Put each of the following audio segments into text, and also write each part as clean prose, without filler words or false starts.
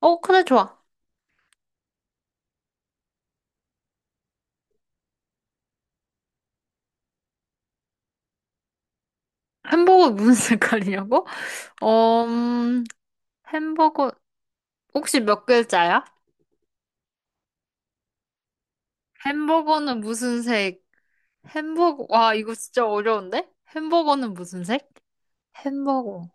어, 그래, 좋아. 햄버거 무슨 색깔이냐고? 어, 햄버거, 혹시 몇 글자야? 햄버거는 무슨 색? 햄버거, 와, 이거 진짜 어려운데? 햄버거는 무슨 색? 햄버거.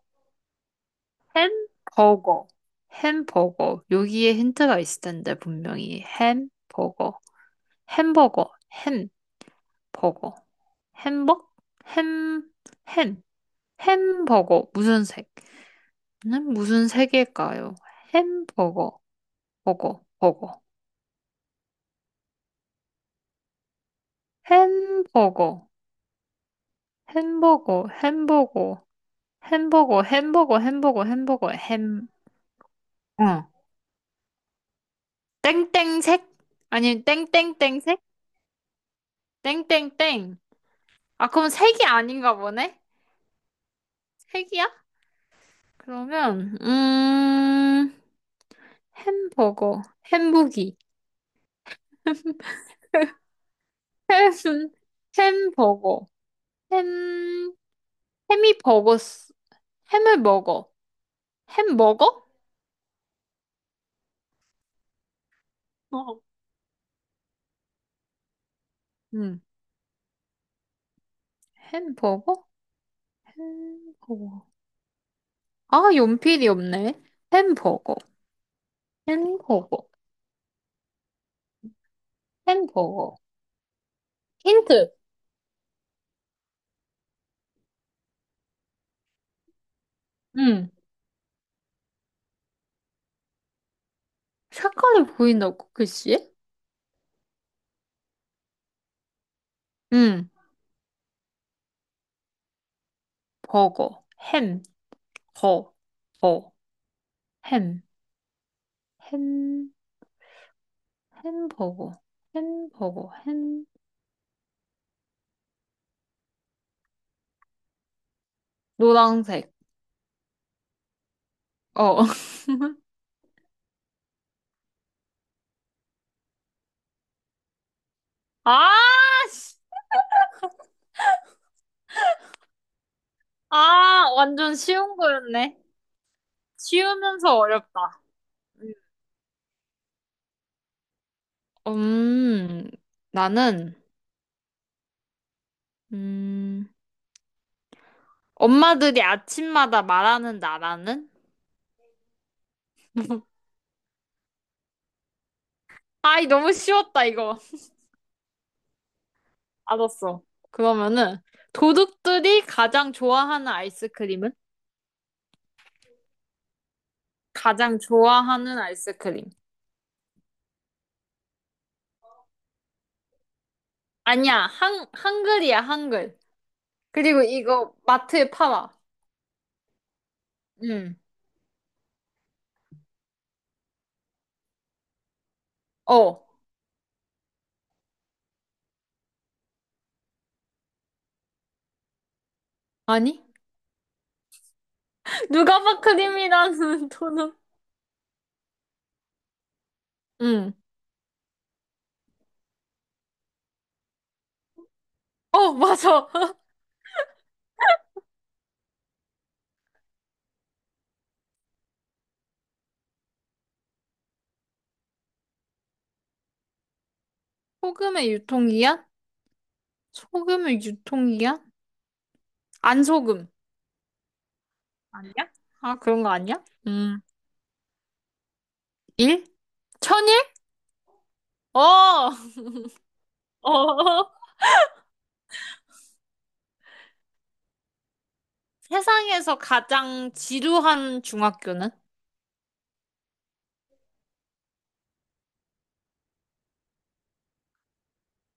햄버거. 햄버거. 여기에 힌트가 있을 텐데, 분명히. 햄버거. 햄버거. 햄버거. 햄버? 햄, 햄. 햄버거. 무슨 색? 는 무슨 색일까요? 햄버거. 버거, 버거. 햄버거, 햄버거, 햄버거, 햄버거, 햄버거, 햄버거, 햄버거, 햄, 어. 땡땡색? 아니면 땡땡땡색? 땡땡땡. 아, 그럼 색이 아닌가 보네? 색이야? 그러면, 햄버거, 햄부기, 햄, 햄버거, 햄, 햄이 버거스, 햄을 먹어. 햄 먹어? 어. 응, 햄버거? 햄버거. 아, 연필이 없네. 햄버거, 햄버거, 햄버거. 힌트. 응. 색깔이 보인다고, 글씨? 응. 버거, 햄, 거, 버, 햄, 햄, 햄버거, 햄버거, 햄. 노란색. 어. 아, 씨. 아, 완전 쉬운 거였네. 쉬우면서 어렵다. 음, 음, 나는, 음, 엄마들이 아침마다 말하는 나라는? 아이, 너무 쉬웠다, 이거. 알았어. 그러면은, 도둑들이 가장 좋아하는 아이스크림은? 가장 좋아하는 아이스크림. 아니야, 한글이야, 한글. 그리고 이거 마트에 팔아. 응. 어. 아니? 누가봐 크림이라는 도넛. 응. 어, 맞아. 소금의 유통기한? 소금의 유통기한? 안 소금. 아니야? 아, 그런 거 아니야? 일? 천일? 어! 어. 세상에서 가장 지루한 중학교는?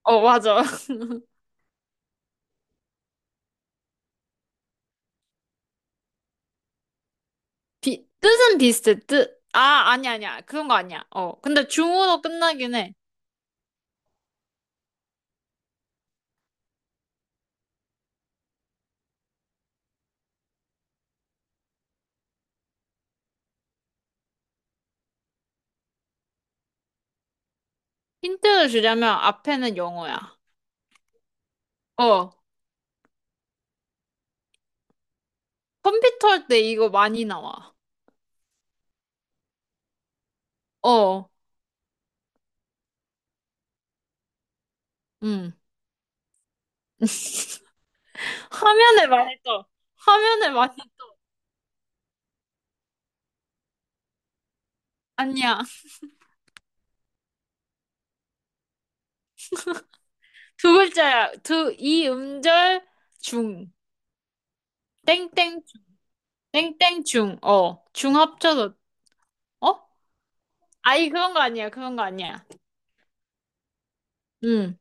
어, 맞아. 뜻은 비슷해, 뜻. 아, 아니, 아니야. 그런 거 아니야. 어. 근데 중으로 끝나긴 해. 힌트를 주려면 앞에는 영어야. 어. 컴퓨터 할 때 이거 많이 나와. 어. 음. 화면에 많이 떠. 화면에 많이, 아니야. 두 글자야. 두, 이 음절 중. 땡땡, 중. 땡땡 중. 어. 중 합쳐서, 어? 아이, 그런 거 아니야. 그런 거 아니야. 응.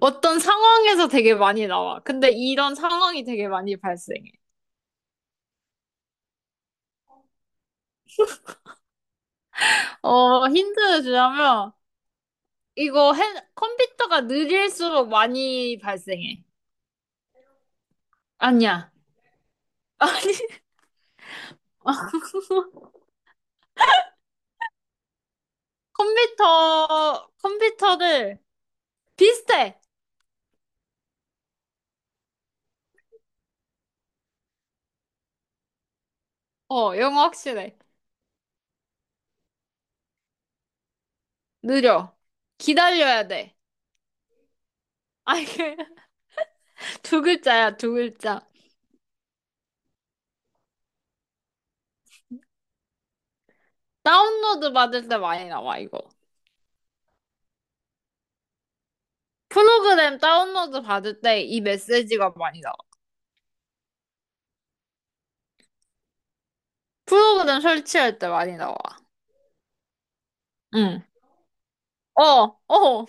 어떤 상황에서 되게 많이 나와. 근데 이런 상황이 되게 많이 발생해. 어, 힌트를 주자면, 컴퓨터가 느릴수록 많이 발생해. 아니야. 아니, 아, 컴퓨터를 비슷해. 어, 영어 확실해. 느려. 기다려야 돼. 아, 이게 두 글자야, 두 글자. 다운로드 받을 때 많이 나와, 이거. 프로그램 다운로드 받을 때 이 메시지가 많이 나와. 프로그램 설치할 때 많이 나와. 응. 어, 어.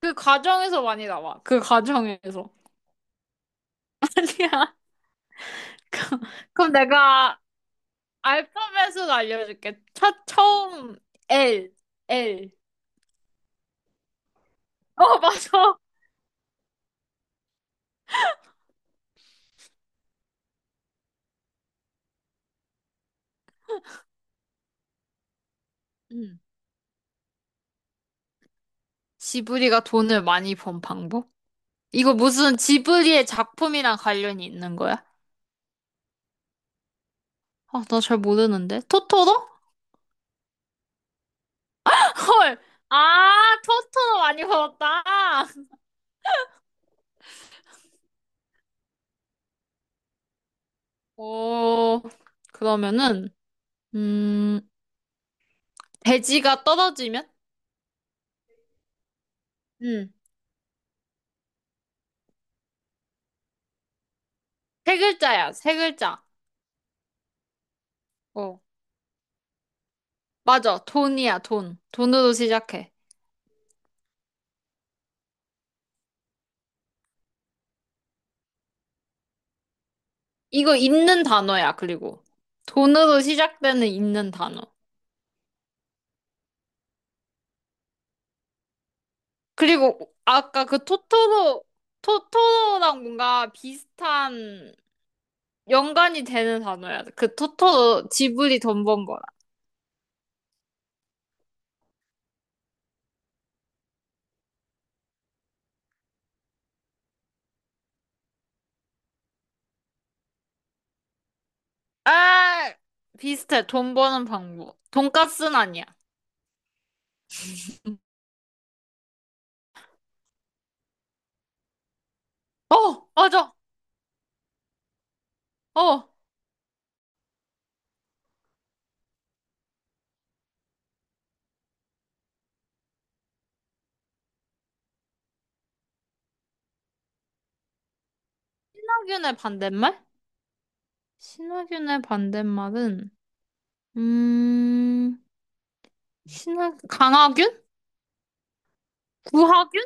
그 과정에서 많이 나와. 그 과정에서. 아니야. 그럼 그럼 내가 알파벳으로 알려줄게. 처음, L, L. 어, 맞아. 응. 지브리가 돈을 많이 번 방법? 이거 무슨 지브리의 작품이랑 관련이 있는 거야? 아, 나 잘 모르는데. 토토로? 헐. 아, 토토로 많이 벌었다. 오, 그러면은, 음, 돼지가 떨어지면? 응. 세 글자야, 세 글자. 어. 맞아, 돈이야, 돈. 돈으로 시작해. 이거 있는 단어야, 그리고. 돈으로 시작되는 있는 단어. 그리고 아까 그 토토로, 토토로랑 뭔가 비슷한 연관이 되는 단어야. 그 토토로 지브리 돈 번 거랑. 아, 비슷해. 돈 버는 방법. 돈까스는 아니야. 어, 맞아. 어, 신화균의 반대말? 신화균의 반대말은, 음, 신하 강하균? 구하균?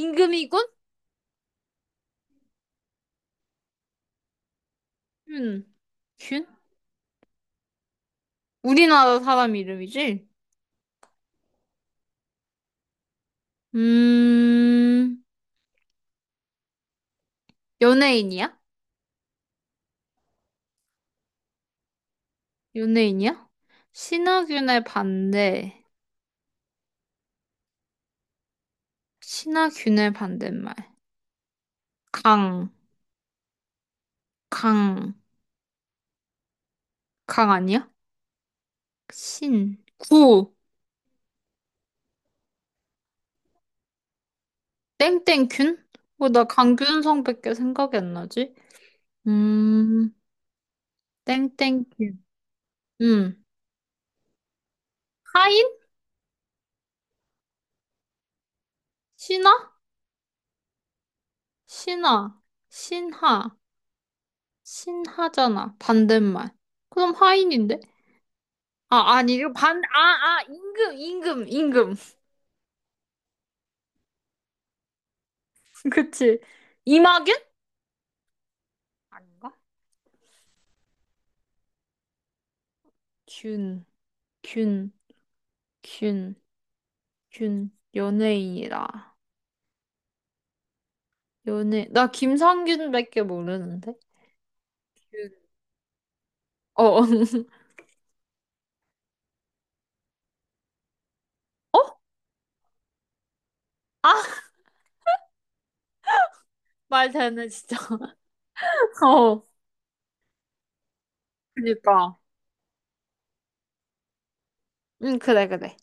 임금이군? 균. 균? 우리나라 사람 이름이지? 음, 연예인이야? 연예인이야? 신하균의 반대. 신하균의 반대말. 강, 강, 강 아니야? 신, 구, 땡땡균? 어, 나 강균성밖에 생각이 안 나지? 음, 땡땡균. 음, 하인? 신하? 신하. 신하. 신하잖아. 반대말. 그럼 하인인데? 아, 아니, 이거 반, 아, 아, 임금, 임금, 임금. 그치. 이마균? 아닌가? 균, 균, 균, 균. 연예인이라. 연예, 나 김상균밖에 모르는데? 균. 어, 어. 어? 아, 말 되네, 진짜. 어, 그니까. 응, 그래, 그래.